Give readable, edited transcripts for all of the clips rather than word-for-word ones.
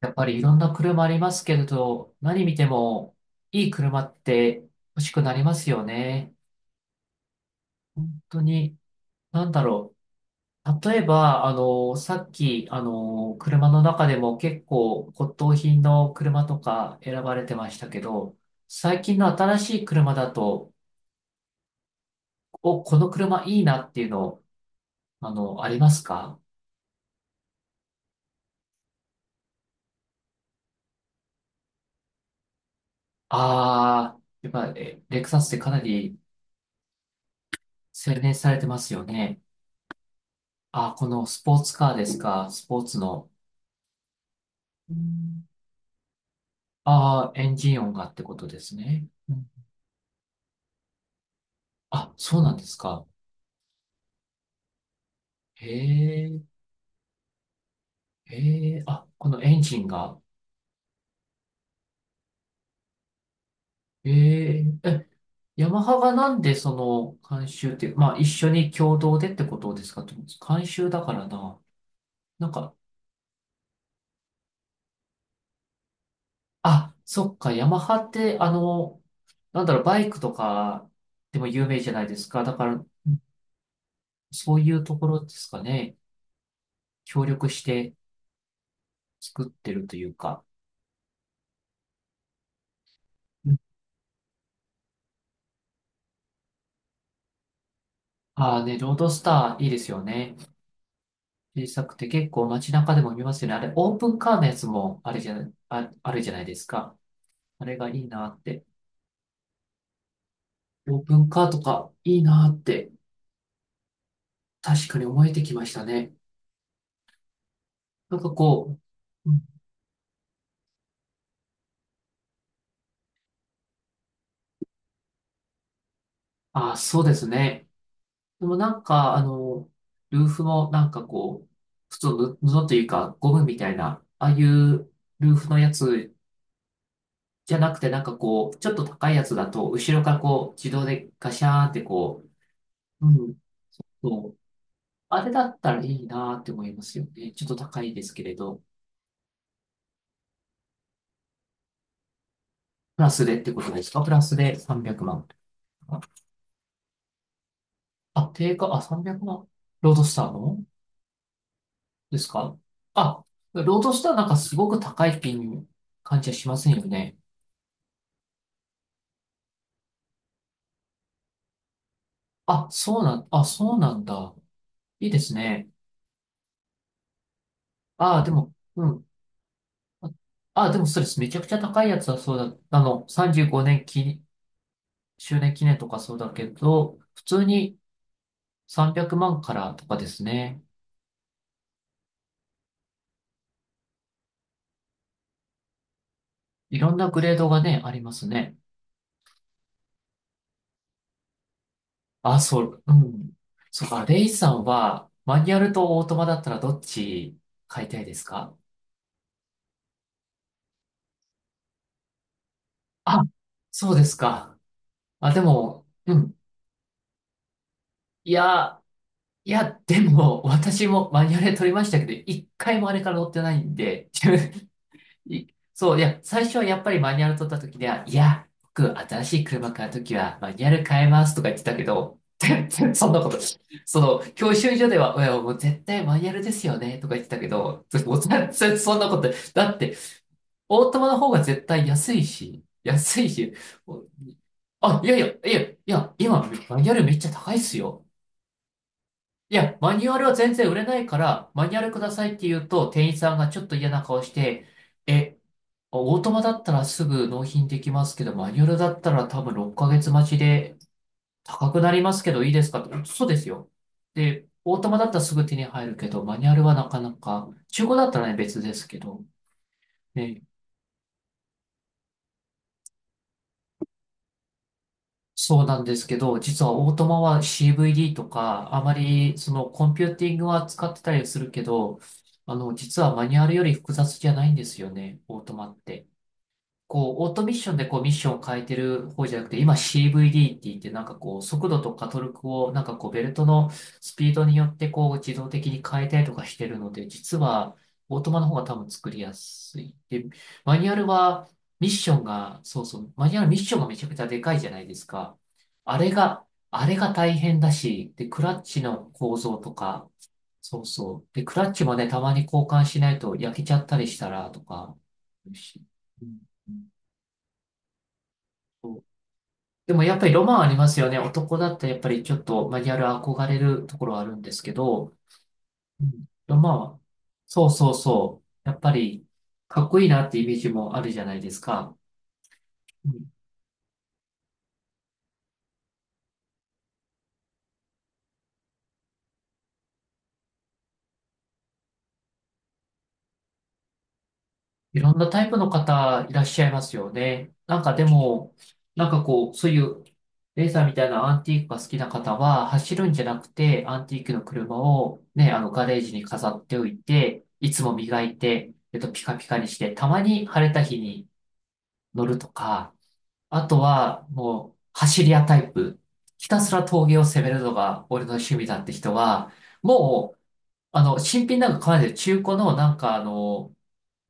やっぱりいろんな車ありますけれど、何見てもいい車って欲しくなりますよね。本当に、なんだろ例えば、さっき、車の中でも結構骨董品の車とか選ばれてましたけど、最近の新しい車だと、お、この車いいなっていうの、ありますか？ああー、やっぱ、レクサスってかなり洗練されてますよね。あー、このスポーツカーですか？スポーツの。うん。ああ、エンジン音がってことですね。うん。あ、そうなんですか？へえ、へえ、あ、このエンジンが。へえ、ヤマハがなんでその監修ってまあ一緒に共同でってことですかと思うんです。監修だからな。なんか、あ、そっか、ヤマハってバイクとかでも有名じゃないですか。だから、うん、そういうところですかね。協力して作ってるというか。ああね、ロードスターいいですよね。小さくて結構街中でも見ますよね。あれ、オープンカーのやつもあれじゃない、あ、あるじゃないですか。あれがいいなって。オープンカーとかいいなって確かに思えてきましたね。なんかこう、うん、ああ、そうですね。でもなんか、ルーフもなんかこう、普通の布布というかゴムみたいな、ああいうルーフのやつじゃなくてなんかこう、ちょっと高いやつだと、後ろからこう、自動でガシャーンってこう、うん、そう。あれだったらいいなって思いますよね。ちょっと高いですけれど。プラスでってことですか？プラスで300万。あ、定価、300万。ロードスターのですか？あ、ロードスターなんかすごく高い金感じはしませんよね。あ、そうなんだ。いいですね。あ、でも、うん。あ、あ、でもそうです。めちゃくちゃ高いやつはそうだ。35年周年記念とかそうだけど、普通に300万からとかですね。いろんなグレードがね、ありますね。あ、そう、うん。そっか、レイさんは、マニュアルとオートマだったらどっち買いたいですか？あ、そうですか。あ、でも、うん。いや、いや、でも、私もマニュアルで取りましたけど、一回もあれから乗ってないんで、いそう、いや、最初はやっぱりマニュアル取った時では、いや、僕、新しい車買う時はマニュアル変えますとか言ってたけど、全然そんなこと、その、教習所では、いや、もう絶対マニュアルですよねとか言ってたけど、もう全然そんなこと、だって、オートマの方が絶対安いし、安いし、あ、いやいや、いや、いや、今、マニュアルめっちゃ高いっすよ。いや、マニュアルは全然売れないから、マニュアルくださいって言うと、店員さんがちょっと嫌な顔して、え、オートマだったらすぐ納品できますけど、マニュアルだったら多分6ヶ月待ちで高くなりますけどいいですかって、そうですよ。で、オートマだったらすぐ手に入るけど、マニュアルはなかなか、中古だったらね、別ですけど、ね、そうなんですけど、実はオートマは CVD とか、あまりそのコンピューティングは使ってたりするけど、実はマニュアルより複雑じゃないんですよね、オートマって。こう、オートミッションでこう、ミッションを変えてる方じゃなくて、今 CVD って言って、なんかこう、速度とかトルクを、なんかこう、ベルトのスピードによってこう、自動的に変えたりとかしてるので、実は、オートマの方が多分作りやすい。で、マニュアルは、ミッションが、そうそう、マニュアルミッションがめちゃくちゃでかいじゃないですか。あれが大変だし、で、クラッチの構造とか、そうそう。で、クラッチもね、たまに交換しないと焼けちゃったりしたら、とか、うん、そう。でもやっぱりロマンありますよね。男だったらやっぱりちょっとマニュアル憧れるところはあるんですけど、うん、ロマンは、そうそうそう。やっぱりかっこいいなってイメージもあるじゃないですか。うん、いろんなタイプの方いらっしゃいますよね。なんかでも、なんかこう、そういうレーサーみたいなアンティークが好きな方は走るんじゃなくて、アンティークの車をね、あのガレージに飾っておいて、いつも磨いて、ピカピカにして、たまに晴れた日に乗るとか、あとは、もう、走り屋タイプ。ひたすら峠を攻めるのが俺の趣味だって人は、もう、新品なんか買わないで中古のなんかあの、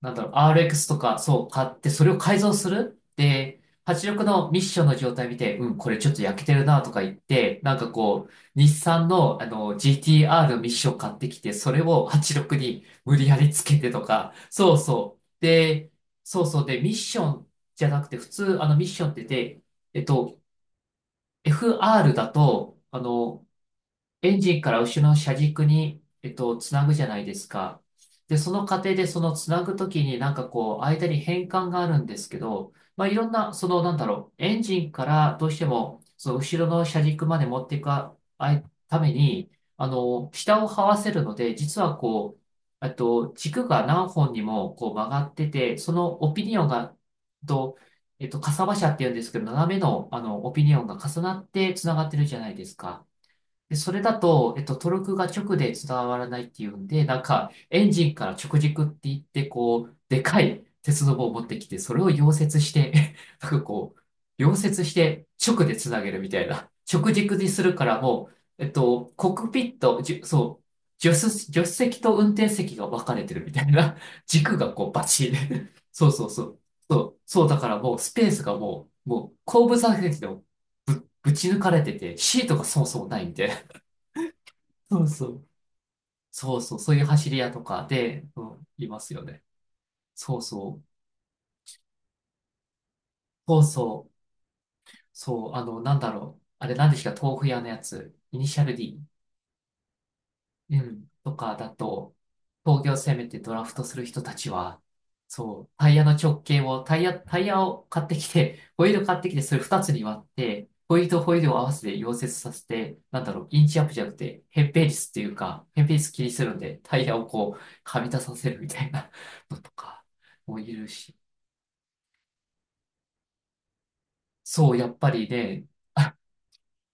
RX とか、そう、買って、それを改造するで、86のミッションの状態見て、うん、これちょっと焼けてるなとか言って、なんかこう、日産の、GTR のミッション買ってきて、それを86に無理やりつけてとか、そうそう。で、そうそう。で、ミッションじゃなくて、普通、ミッションって、えっと、FR だと、エンジンから後ろの車軸に、つなぐじゃないですか。で、その過程でそのつなぐときになんかこう、間に変換があるんですけど、まあ、いろんな、その、エンジンからどうしても、その後ろの車軸まで持っていくいために、下を這わせるので、実はこう、軸が何本にもこう曲がってて、そのオピニオンが、と、かさばしゃって言うんですけど、斜めの、オピニオンが重なってつながってるじゃないですか。で、それだと、トルクが直で伝わらないっていうんで、なんか、エンジンから直軸って言って、こう、でかい鉄の棒を持ってきて、それを溶接して、なんかこう、溶接して直でつなげるみたいな。直軸にするからもう、コックピット、そう、助手席と運転席が分かれてるみたいな。軸がこう、バチッ。そうそうそう。そう、そうだからもう、スペースがもう、後部座席でもぶち抜かれてて、シートがそもそもないんで、そうそう。そうそう。そういう走り屋とかで、うん、いますよね。そうそう。そうそう。そう。あれ、なんでしたっけ？豆腐屋のやつ。イニシャル D。うん、とかだと、工業を攻めてドラフトする人たちは、そう、タイヤの直径を、タイヤを買ってきて、ホイール買ってきて、それ2つに割って、ホイールとホイールを合わせて溶接させて、なんだろう、インチアップじゃなくて、扁平率っていうか、扁平率気にするんで、タイヤをこう、はみ出させるみたいなのとかもいるし、そう、やっぱりね、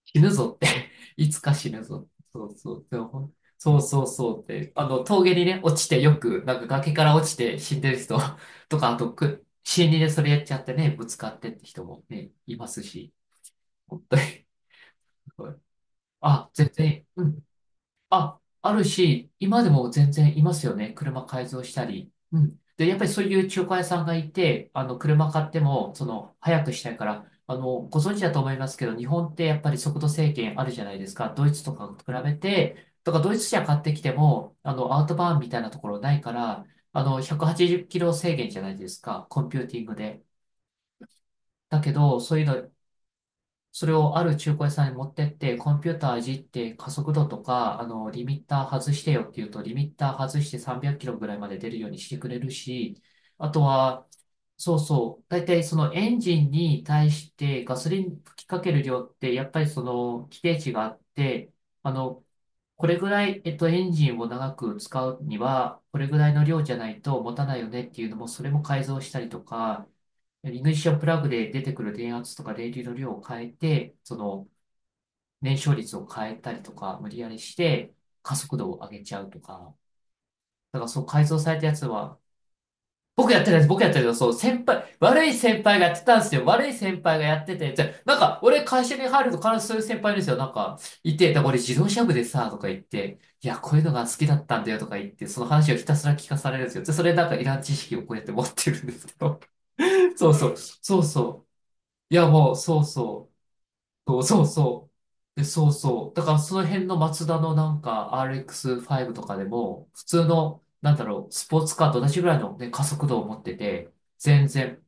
死ぬぞって いつか死ぬぞ。そうそう。でもほんそうそうそうって、あの、峠にね、落ちてよく、なんか崖から落ちて死んでる人 とか、あとく、死にでそれやっちゃってね、ぶつかってって人もね、いますし、本当に。あ、全然、うん。あ、あるし、今でも全然いますよね。車改造したり。うん。で、やっぱりそういう中古屋さんがいて、あの、車買っても、その、早くしたいから、あの、ご存知だと思いますけど、日本ってやっぱり速度制限あるじゃないですか。ドイツとかと比べて、とか、ドイツ車買ってきても、あの、アウトバーンみたいなところないから、あの、180キロ制限じゃないですか。コンピューティングで。だけど、そういうのそれをある中古屋さんに持ってって、コンピューターいじって加速度とか、あの、リミッター外してよって言うと、リミッター外して300キロぐらいまで出るようにしてくれるし、あとは、そうそう、大体そのエンジンに対してガソリン吹きかける量って、やっぱりその規定値があって、あの、これぐらい、エンジンを長く使うには、これぐらいの量じゃないと持たないよねっていうのも、それも改造したりとか、イグニッションプラグで出てくる電圧とか電流の量を変えて、その燃焼率を変えたりとか、無理やりして加速度を上げちゃうとか。だからそう改造されたやつは、僕やってないです。僕やってるけど、そう、悪い先輩がやってたんですよ。悪い先輩がやってて、でなんか、俺会社に入ると必ずそういう先輩いるんですよ。なんか、いて、だから俺自動車部でさ、とか言って、いや、こういうのが好きだったんだよとか言って、その話をひたすら聞かされるんですよ。で、それなんかいらん知識をこうやって持ってるんですけど。そうそう。いや、もう、そうそう。そうそうそう。で、そうそう。だからその辺のマツダのなんか RX5 とかでも、普通の、なんだろう、スポーツカーと同じぐらいのね、加速度を持ってて、全然。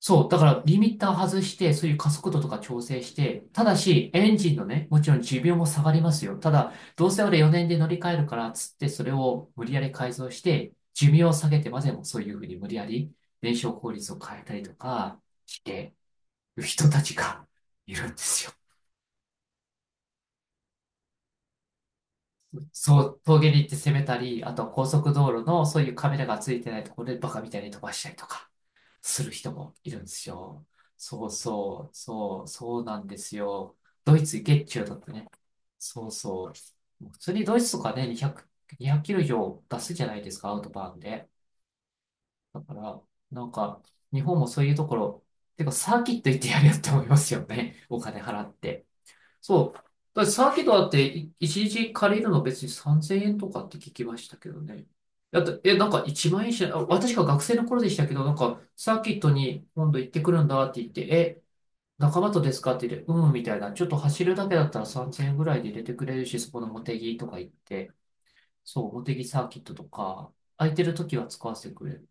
そう。だからリミッター外して、そういう加速度とか調整して、ただし、エンジンのね、もちろん寿命も下がりますよ。ただ、どうせ俺4年で乗り換えるから、つってそれを無理やり改造して、寿命を下げてまでもそういうふうに無理やり燃焼効率を変えたりとかしてる人たちがいるんですよ。そう、峠に行って攻めたり、あとは高速道路のそういうカメラがついてないところでバカみたいに飛ばしたりとかする人もいるんですよ。そうそう、そう、そうなんですよ。ドイツ月中だってね。そうそう。普通にドイツとかね、200キロ以上出すじゃないですか、アウトバーンで。だから、なんか、日本もそういうところ、てかサーキット行ってやるよって思いますよね。お金払って。そう。だからサーキットだってい一日借りるの別に3000円とかって聞きましたけどね。だって、え、なんか1万円しない、あ私が学生の頃でしたけど、なんかサーキットに今度行ってくるんだって言って、え、仲間とですかって言って、うん、みたいな。ちょっと走るだけだったら3000円ぐらいで入れてくれるし、そこの茂木とか行って、そう、茂木サーキットとか、空いてる時は使わせてくれる。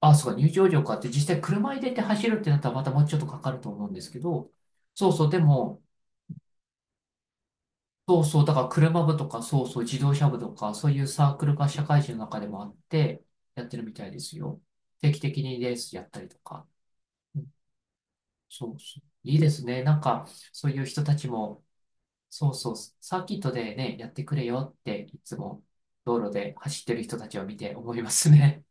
あ、そうか、入場料かって、実際車入れて走るってなったらまたもうちょっとかかると思うんですけど、そうそう、でも、そうそう、だから車部とか、そうそう、自動車部とか、そういうサークルが社会人の中でもあって、やってるみたいですよ。定期的にレースやったりとか。うん、そうそう。いいですね。なんか、そういう人たちも、そうそう、サーキットでね、やってくれよって、いつも道路で走ってる人たちを見て思いますね。